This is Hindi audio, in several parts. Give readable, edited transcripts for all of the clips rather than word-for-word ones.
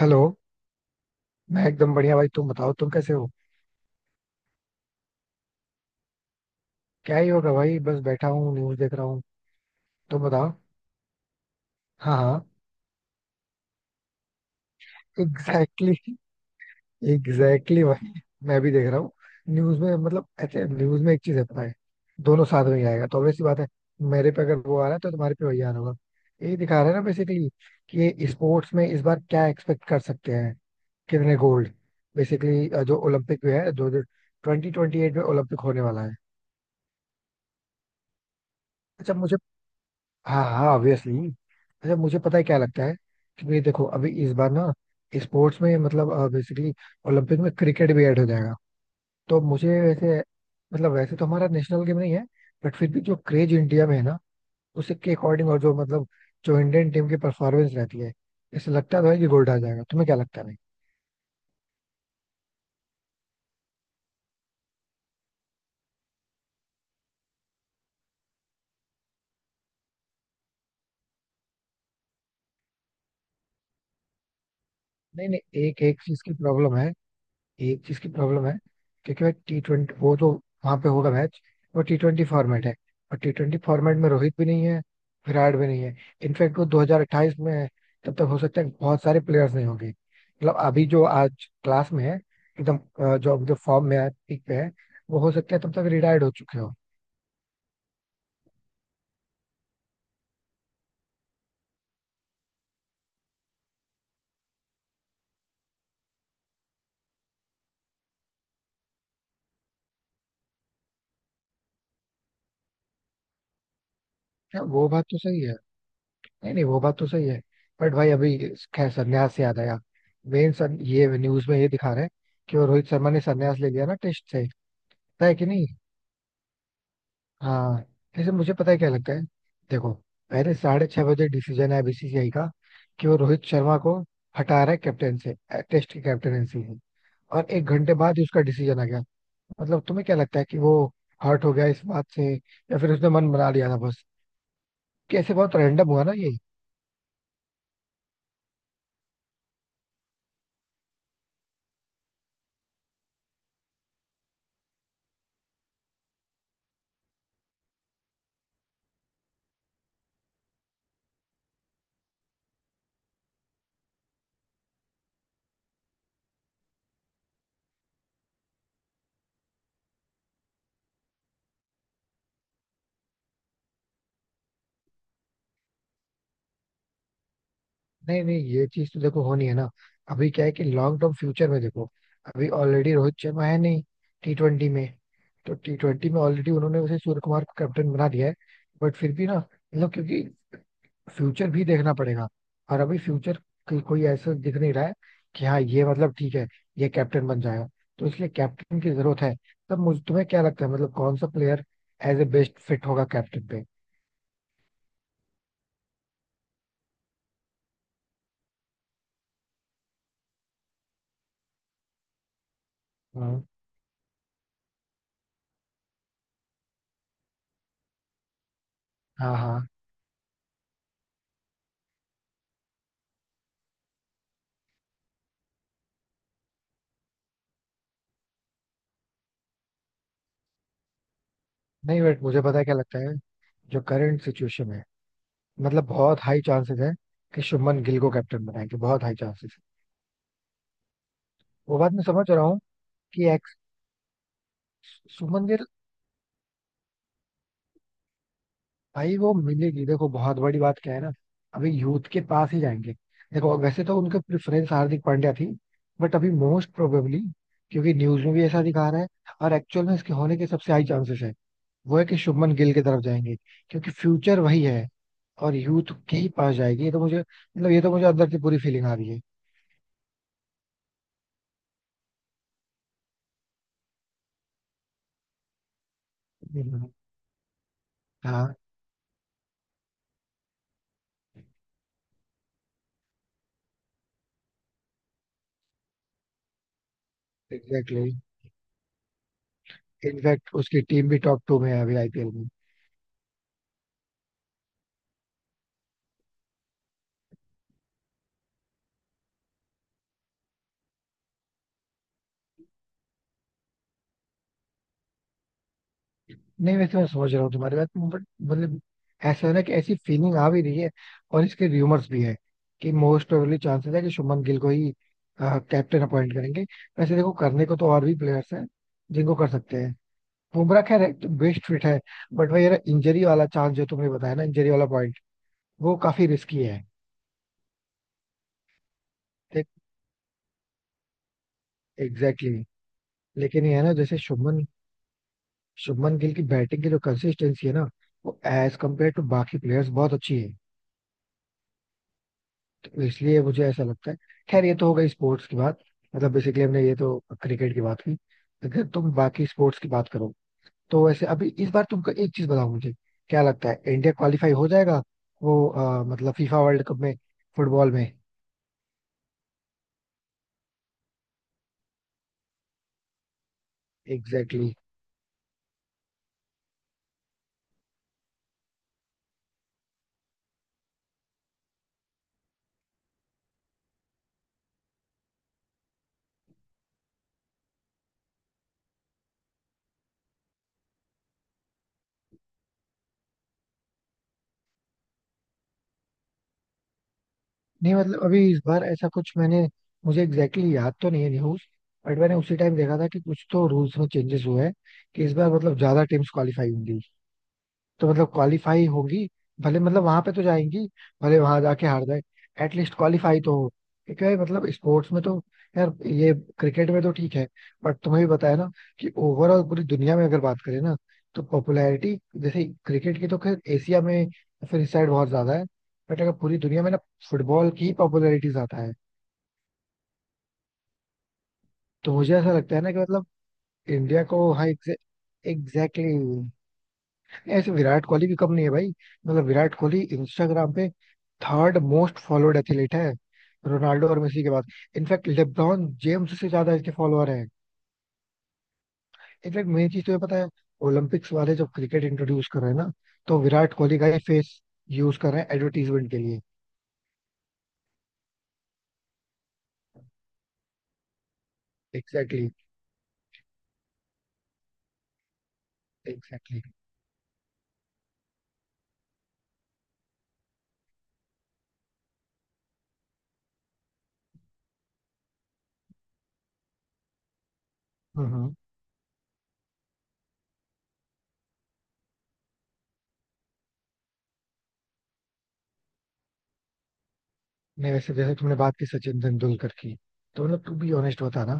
हेलो। मैं एकदम बढ़िया भाई, तुम बताओ तुम कैसे हो। क्या ही होगा भाई, बस बैठा हूँ न्यूज देख रहा हूँ। तुम बताओ। हाँ हाँ। एग्जैक्टली exactly, एग्जैक्टली exactly भाई। मैं भी देख रहा हूँ। न्यूज में मतलब ऐसे न्यूज में एक चीज है पता है, दोनों साथ में ही आएगा तो ऑब्वियस सी बात है। मेरे पे अगर वो आ रहा है तो तुम्हारे पे वही आना होगा। यही दिखा रहा है ना बेसिकली कि स्पोर्ट्स में इस बार क्या एक्सपेक्ट कर सकते हैं, कितने गोल्ड। बेसिकली जो ओलंपिक में है, जो 2028 में ओलंपिक होने वाला है। अच्छा मुझे, हाँ हाँ ऑब्वियसली। अच्छा मुझे पता है क्या लगता है कि भाई देखो अभी इस बार ना स्पोर्ट्स में मतलब बेसिकली ओलंपिक में क्रिकेट भी ऐड हो जाएगा। तो मुझे वैसे मतलब वैसे तो हमारा नेशनल गेम नहीं है, बट फिर भी जो क्रेज इंडिया में है ना, उसी के अकॉर्डिंग और जो मतलब जो इंडियन टीम की परफॉर्मेंस रहती है, इससे लगता तो है कि गोल्ड आ जाएगा। तुम्हें क्या लगता है नहीं। नहीं नहीं, एक एक चीज की प्रॉब्लम है, एक चीज की प्रॉब्लम है। क्योंकि भाई टी ट्वेंटी वो तो वहां पे होगा मैच, वो टी ट्वेंटी फॉर्मेट है। और टी ट्वेंटी फॉर्मेट में रोहित भी नहीं है, विराट भी नहीं है। इनफैक्ट वो 2028 में है। तब तक हो सकता है बहुत सारे प्लेयर्स नहीं होंगे, मतलब अभी जो आज क्लास में है, एकदम जो जो फॉर्म में है पीक पे है, वो हो सकता है तब तक रिटायर्ड हो चुके हो। हाँ, वो बात तो सही है। नहीं नहीं वो बात तो सही है। बट भाई अभी खैर संन्यास से याद आया। मेन सर ये न्यूज में ये दिखा रहे हैं कि वो रोहित शर्मा ने संन्यास ले लिया ना टेस्ट से, पता है कि नहीं। हाँ। जैसे मुझे पता है क्या लगता है, देखो पहले 6:30 बजे डिसीजन है बीसीसीआई का कि वो रोहित शर्मा को हटा रहा है कैप्टन से, टेस्ट की कैप्टनसी से। और एक घंटे बाद ही उसका डिसीजन आ गया। मतलब तुम्हें क्या लगता है कि वो हर्ट हो गया इस बात से या फिर उसने मन बना लिया था बस। कैसे बहुत रैंडम हुआ ना। नहीं नहीं ये चीज तो देखो होनी है ना। अभी क्या है कि लॉन्ग टर्म फ्यूचर में देखो, अभी ऑलरेडी रोहित शर्मा है नहीं टी ट्वेंटी में। तो टी ट्वेंटी में ऑलरेडी उन्होंने उसे सूर्य कुमार को कैप्टन बना दिया है। बट फिर भी ना मतलब क्योंकि फ्यूचर भी देखना पड़ेगा। और अभी फ्यूचर कोई ऐसा दिख नहीं रहा है कि हाँ ये मतलब ठीक है ये कैप्टन बन जाएगा, तो इसलिए कैप्टन की जरूरत है। तब मुझे तुम्हें क्या लगता है, मतलब कौन सा player as a best fit होगा कैप्टन पे। हाँ हाँ हाँ। नहीं बट मुझे पता है क्या लगता है, जो करंट सिचुएशन है, मतलब बहुत हाई चांसेस है कि शुभमन गिल को कैप्टन बनाएंगे, बहुत हाई चांसेस है। वो बात मैं समझ रहा हूँ कि एक्स शुभमन गिल, भाई वो मिलेगी, देखो बहुत बड़ी बात क्या है ना। अभी यूथ के पास ही जाएंगे। देखो वैसे तो उनका प्रेफरेंस हार्दिक पांड्या थी, बट अभी मोस्ट प्रोबेबली, क्योंकि न्यूज में भी ऐसा दिखा रहा है और एक्चुअल में इसके होने के सबसे हाई चांसेस है, वो है कि शुभमन गिल की तरफ जाएंगे। क्योंकि फ्यूचर वही है और यूथ के ही पास जाएगी। ये तो मुझे अंदर से पूरी फीलिंग आ रही है। हम्म, हाँ एग्जैक्टली। इनफैक्ट उसकी टीम भी टॉप टू में है अभी आईपीएल में। नहीं वैसे मैं समझ रहा हूँ तुम्हारी बात, बट मतलब ऐसा है ना कि ऐसी फीलिंग आ भी रही है और इसके र्यूमर्स भी है कि मोस्ट प्रोबेबली चांसेस है कि शुभमन गिल को ही कैप्टन अपॉइंट करेंगे। वैसे देखो करने को तो और भी प्लेयर्स हैं जिनको कर सकते हैं। बुमराह खैर बेस्ट फिट है, बट भाई यार इंजरी वाला चांस जो तुमने बताया ना, इंजरी वाला पॉइंट वो काफी रिस्की है। देख एग्जैक्टली exactly. लेकिन ये है ना, जैसे शुभमन शुभमन गिल की बैटिंग की जो कंसिस्टेंसी है ना, वो एज कम्पेयर टू बाकी प्लेयर्स बहुत अच्छी है। तो इसलिए मुझे ऐसा लगता है। खैर ये तो हो गई स्पोर्ट्स की बात। मतलब बेसिकली हमने ये तो क्रिकेट की बात की, अगर तुम बाकी स्पोर्ट्स की बात करो, तो वैसे अभी इस बार तुमको एक चीज बताओ, मुझे क्या लगता है इंडिया क्वालिफाई हो जाएगा वो मतलब फीफा वर्ल्ड कप में, फुटबॉल में। एग्जैक्टली। नहीं मतलब अभी इस बार ऐसा कुछ मैंने, मुझे एग्जैक्टली exactly याद तो नहीं है न्यूज, बट मैंने उसी टाइम देखा था कि कुछ तो रूल्स में चेंजेस हुए हैं कि इस बार मतलब ज्यादा टीम्स क्वालिफाई होंगी। तो मतलब क्वालिफाई होगी, भले मतलब वहां पे तो जाएंगी, भले वहां जाके हार जाए, एटलीस्ट क्वालिफाई तो हो। क्योंकि भाई मतलब स्पोर्ट्स में तो यार ये, क्रिकेट में तो ठीक है, बट तुम्हें भी बताया ना कि ओवरऑल पूरी दुनिया में अगर बात करें ना तो पॉपुलैरिटी, जैसे क्रिकेट की तो खैर एशिया में या फिर इस साइड बहुत ज्यादा है, बट अगर पूरी दुनिया में ना फुटबॉल की पॉपुलैरिटी ज्यादा है। तो मुझे ऐसा लगता है ना कि मतलब इंडिया को, हाँ एग्जैक्टली। ऐसे विराट कोहली भी कम नहीं है भाई। मतलब विराट कोहली इंस्टाग्राम पे थर्ड मोस्ट फॉलोड एथलीट है रोनाल्डो और मेसी के बाद। इनफैक्ट लेब्रॉन जेम्स से ज्यादा इसके फॉलोअर हैं। इनफैक्ट मेन चीज तुम्हें पता है, ओलंपिक्स वाले जब क्रिकेट इंट्रोड्यूस कर रहे हैं ना, तो विराट कोहली का ही फेस यूज कर रहे हैं एडवर्टीजमेंट के लिए। Exactly exactly. नहीं वैसे जैसे तुमने बात की सचिन तेंदुलकर की, तो मतलब तू भी ऑनेस्ट होता ना,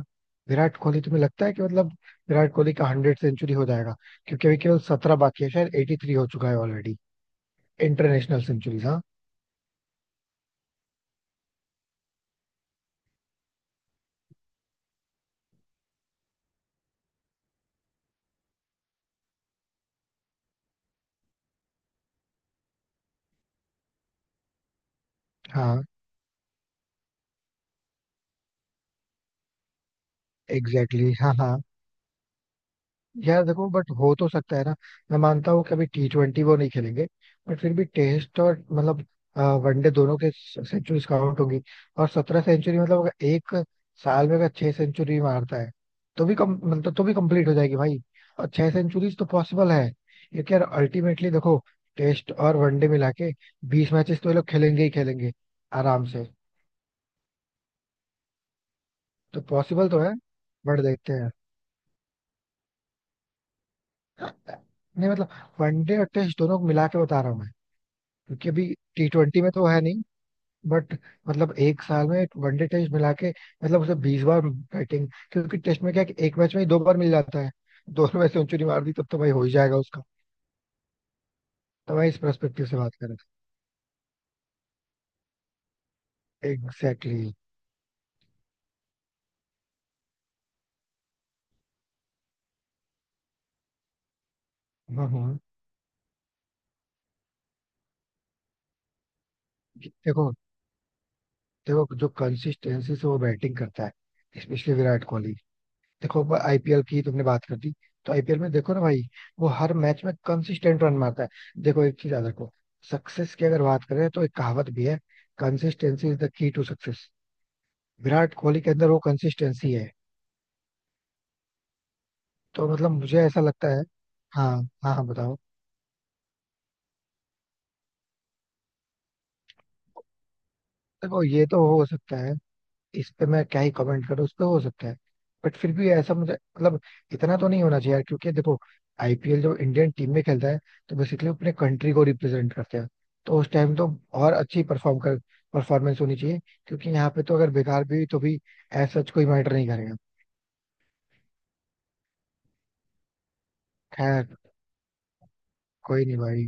विराट कोहली तुम्हें लगता है कि मतलब विराट कोहली का 100 सेंचुरी हो जाएगा, क्योंकि अभी केवल 17 बाकी है, शायद 83 हो चुका है ऑलरेडी। इंटरनेशनल सेंचुरीज हाँ। हाँ एग्जैक्टली exactly, हाँ हाँ। यार देखो बट हो तो सकता है ना। मैं मानता हूँ कि अभी टी ट्वेंटी वो नहीं खेलेंगे, बट फिर भी टेस्ट और मतलब वनडे दोनों के सेंचुरी काउंट होगी। और 17 सेंचुरी मतलब अगर एक साल में अगर छह सेंचुरी मारता है तो भी कम, मतलब तो भी कंप्लीट हो जाएगी भाई। और छह सेंचुरीज तो पॉसिबल है क्योंकि यार अल्टीमेटली देखो टेस्ट और वनडे मिला के 20 मैचेस तो ये लोग खेलेंगे ही खेलेंगे, आराम से। तो पॉसिबल तो है, बट देखते हैं। नहीं मतलब वनडे और टेस्ट दोनों को मिला के बता रहा हूँ मैं। क्योंकि अभी टी ट्वेंटी में तो है नहीं, बट मतलब एक साल में वनडे टेस्ट मिला के मतलब उसे 20 बार बैटिंग, क्योंकि टेस्ट में क्या है कि एक मैच में ही दो बार मिल जाता है। दोनों में सेंचुरी मार दी तब तो भाई हो ही जाएगा उसका। तो मैं इस परस्पेक्टिव से बात कर रहा था, एग्जैक्टली। हाँ हाँ। देखो, देखो जो कंसिस्टेंसी से वो बैटिंग करता है स्पेशली विराट कोहली। देखो आईपीएल की तुमने बात कर दी, तो आईपीएल में देखो ना भाई, वो हर मैच में कंसिस्टेंट रन मारता है। देखो एक चीज याद रखो, सक्सेस की अगर बात करें तो एक कहावत भी है, consistency is the key to success. Virat Kohli के अंदर वो कंसिस्टेंसी है, तो मतलब मुझे ऐसा लगता है। हाँ हाँ हाँ बताओ। देखो ये तो हो सकता है, इस पे मैं क्या ही कमेंट करूँ, उस पे हो सकता है। बट फिर भी ऐसा मुझे मतलब इतना तो नहीं होना चाहिए यार, क्योंकि देखो आईपीएल जब इंडियन टीम में खेलता है तो बेसिकली अपने कंट्री को रिप्रेजेंट करते हैं। तो उस टाइम तो और अच्छी परफॉर्मेंस होनी चाहिए। क्योंकि यहाँ पे तो अगर बेकार भी हुई तो भी एज सच कोई मैटर नहीं करेगा। खैर कोई नहीं भाई,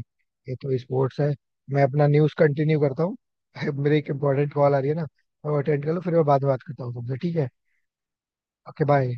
ये तो स्पोर्ट्स है, मैं अपना न्यूज कंटिन्यू करता हूँ। मेरे एक इंपॉर्टेंट कॉल आ रही है ना, मैं अटेंड कर लूँ फिर मैं बाद में बात करता हूँ तुमसे, ठीक है। Okay bye.